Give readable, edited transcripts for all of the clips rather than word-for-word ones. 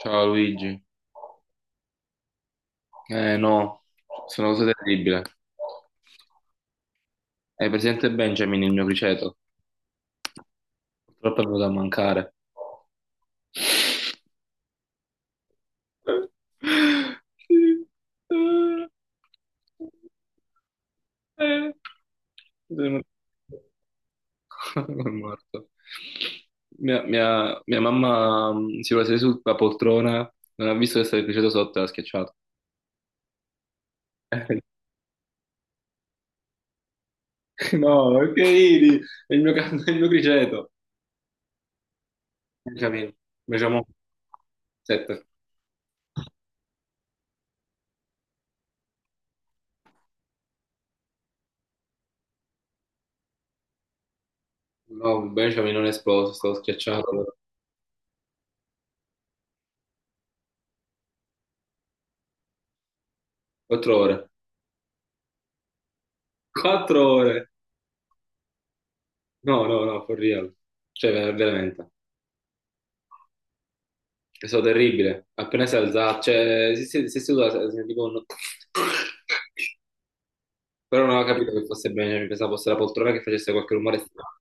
Ciao Luigi. Eh no, sono una cosa terribile. Hai presente Benjamin, il mio criceto? Purtroppo è venuto a mancare. Sì. Eh. Sono- È morto. Mia mamma si è seduta sulla poltrona, non ha visto che stava il criceto sotto e l'ha schiacciato. No, che ridi? È il è il mio criceto. Benjamin, Benjamin, sette. No, un Benjamin non è esploso, è stato schiacciato per 4 ore. 4 ore! No, no, no, for real. Cioè, veramente. È stato terribile. Appena si è alzato, cioè, si è seduto, sentivo un... Però non avevo capito che fosse Benjamin, pensavo fosse la poltrona che facesse qualche rumore strano.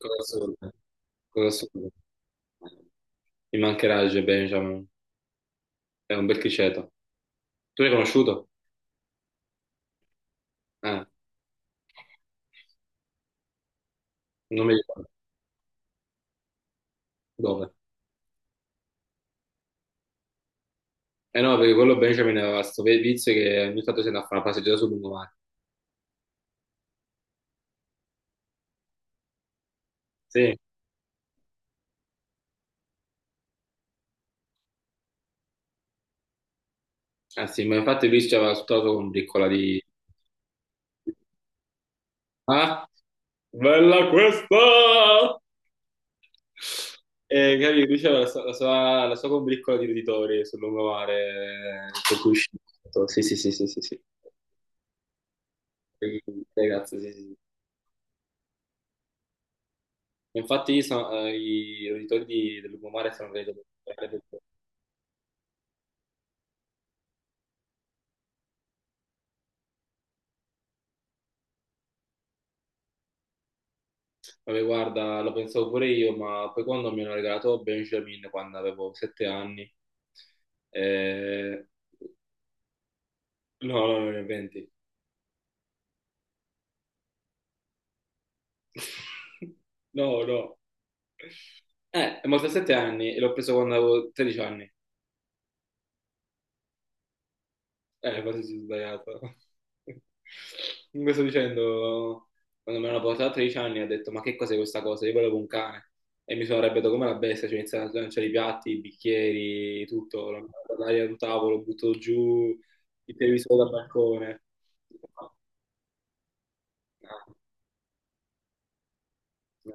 Cosa assurda. Cosa assurda. Mi mancherà il Benjamin. È un bel criceto. Tu l'hai conosciuto? Eh, non mi ricordo. Dove? Eh no, perché quello Benjamin aveva questo vizio che ogni tanto si andava a fare una passeggiata sul lungomare. Sì, eh sì, ma infatti lui ci aveva sputato con piccola di... Ah, bella questa! E capì, lui c'aveva la sua combriccola di roditori sul lungomare con cui usciva. Sì, sì, sì, sì, sì, sì. E- Ragazzi, sì, sì, sì. Infatti i roditori del lungomare sono venuti. Vabbè, guarda, lo pensavo pure io, ma poi quando mi hanno regalato Benjamin, quando avevo 7 anni, eh, no, no, no, 20, no, no. È morto a 7 anni e l'ho preso quando avevo 13 anni. Quasi si è sbagliato. Comunque sto dicendo, quando me l'hanno portato a 13 anni ho detto, ma che cos'è questa cosa? Io volevo un cane. E mi sono arrabbiato come la bestia, cioè ho iniziato a lanciare i piatti, i bicchieri, tutto, l'aria sul tavolo, butto giù il televisore dal balcone. Ma no, no.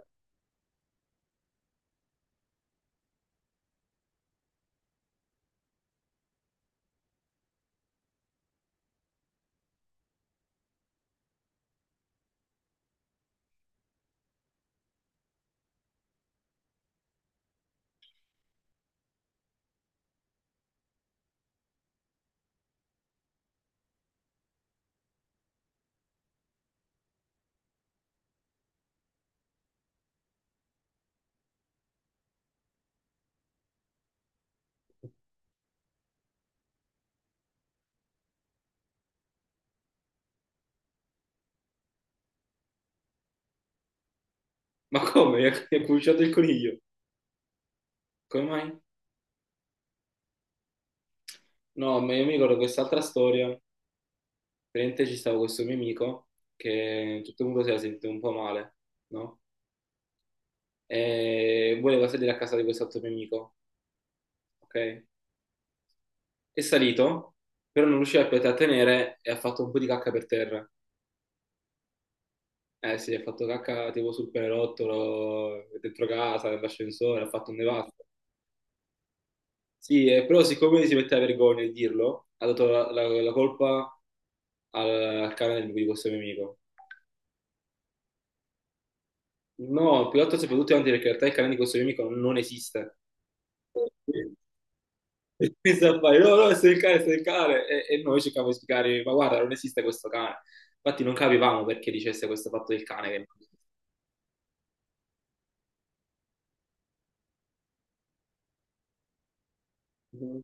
Ma come? Mi ha cucciato il coniglio. Come mai? No, ma io mi ricordo quest'altra storia. Praticamente ci stava questo mio amico che tutto il mondo si era sentito un po' male, no? E voleva salire a casa di quest'altro mio amico, ok? È salito, però non riusciva più a trattenere e ha fatto un po' di cacca per terra. Eh sì, ha fatto cacca tipo sul pianerottolo, dentro casa, nell'ascensore, ha fatto un nevato. Sì, però siccome si metteva vergogna di dirlo, ha dato la colpa al, al cane di questo mio amico. No, più che altro soprattutto anche perché in realtà il cane di questo mio amico non esiste. E questo a fare, no, no, è stato il cane, è stato il cane. E noi cercavamo di spiegare, ma guarda, non esiste questo cane. Infatti non capivamo perché dicesse questo fatto del cane. Che... non-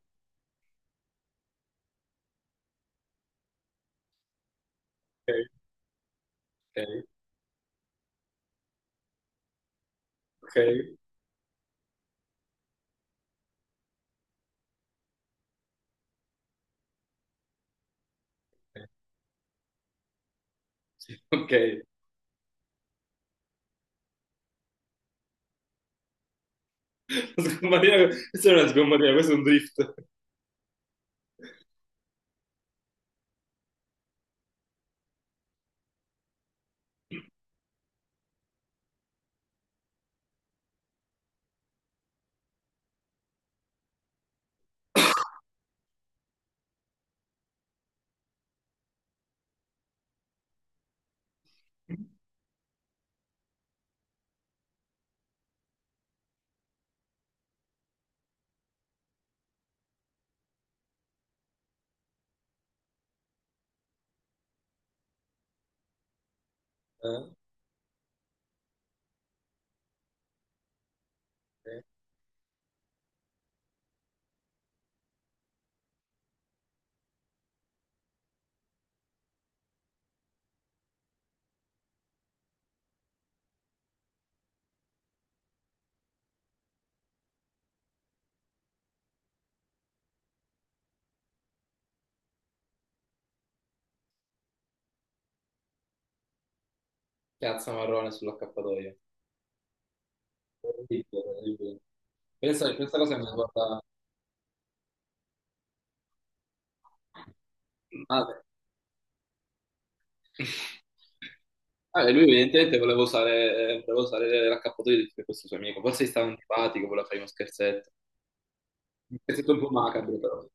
Ok, ok, ok, ok. Questa non è una sgombatina, questo è un drift. Eh, ok. Piazza marrone sull'accappatoio. Orribile, orribile. Pensa, questa cosa mi guarda... Ah, beh. Ah, e lui evidentemente voleva voleva usare l'accappatoio di questo suo amico. Forse gli stava antipatico, voleva fare uno scherzetto. Un pezzetto un po' macabro, però.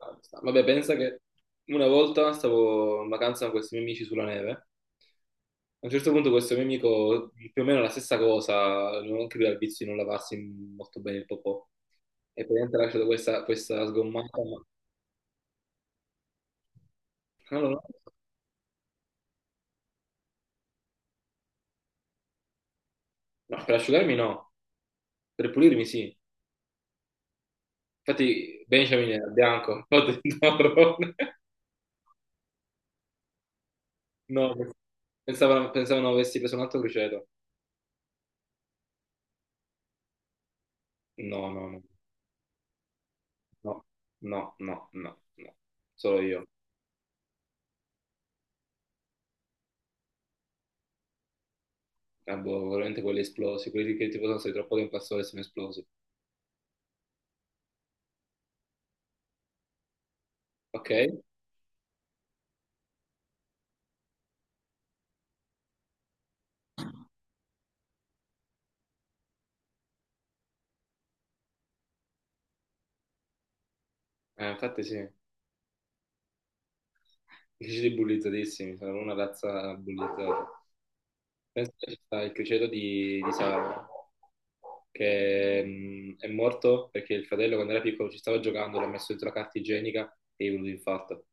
Ah, sta. Vabbè, pensa che una volta stavo in vacanza con questi miei amici sulla neve. A un certo punto questo mio amico, più o meno la stessa cosa, non anche lui ha il vizio di non lavarsi molto bene il popò. E praticamente ha lasciato questa sgommata. No, no, no. No, per asciugarmi no, per pulirmi sì. Infatti Benjamin era bianco, ho detto marrone. No, pensavano, pensavano avessi preso un altro criceto. No, no, no, no, no, no, no, no. Solo io. Ah, boh, veramente quelli esplosi, quelli che tipo sono stati troppo tempo a sole e sono esplosi. Ok? Infatti sì, i criceti bullizzatissimi, sono una razza bullizzata. Penso che ci sta il criceto di Sara, che è morto perché il fratello quando era piccolo ci stava giocando, l'ha messo dentro la carta igienica e gli è venuto l'infarto.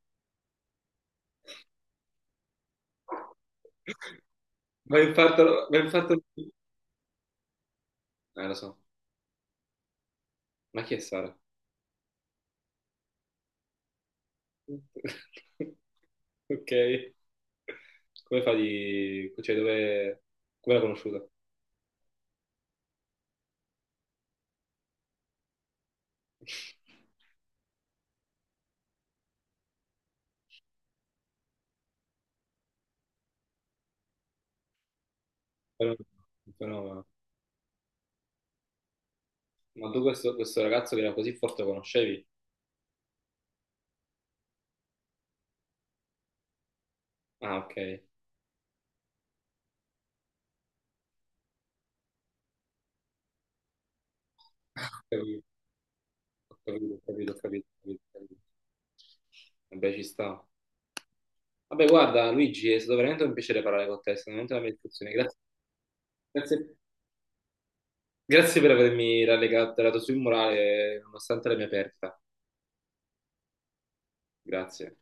Ma infarto... lo so. Ma chi è Sara? Ok, come fa di... cioè dove... come l'ha conosciuta? Però- fenomeno. Ma tu questo ragazzo che era così forte lo conoscevi? Ah, ok. Capito, ho capito, ho capito, ho capito, ho capito, ho capito. Vabbè, ci sta. Vabbè, guarda, Luigi, è stato veramente un piacere parlare con te, è stata veramente una bella discussione. Grazie, grazie, grazie per avermi rallegato, dato sul morale, nonostante la mia perdita. Grazie.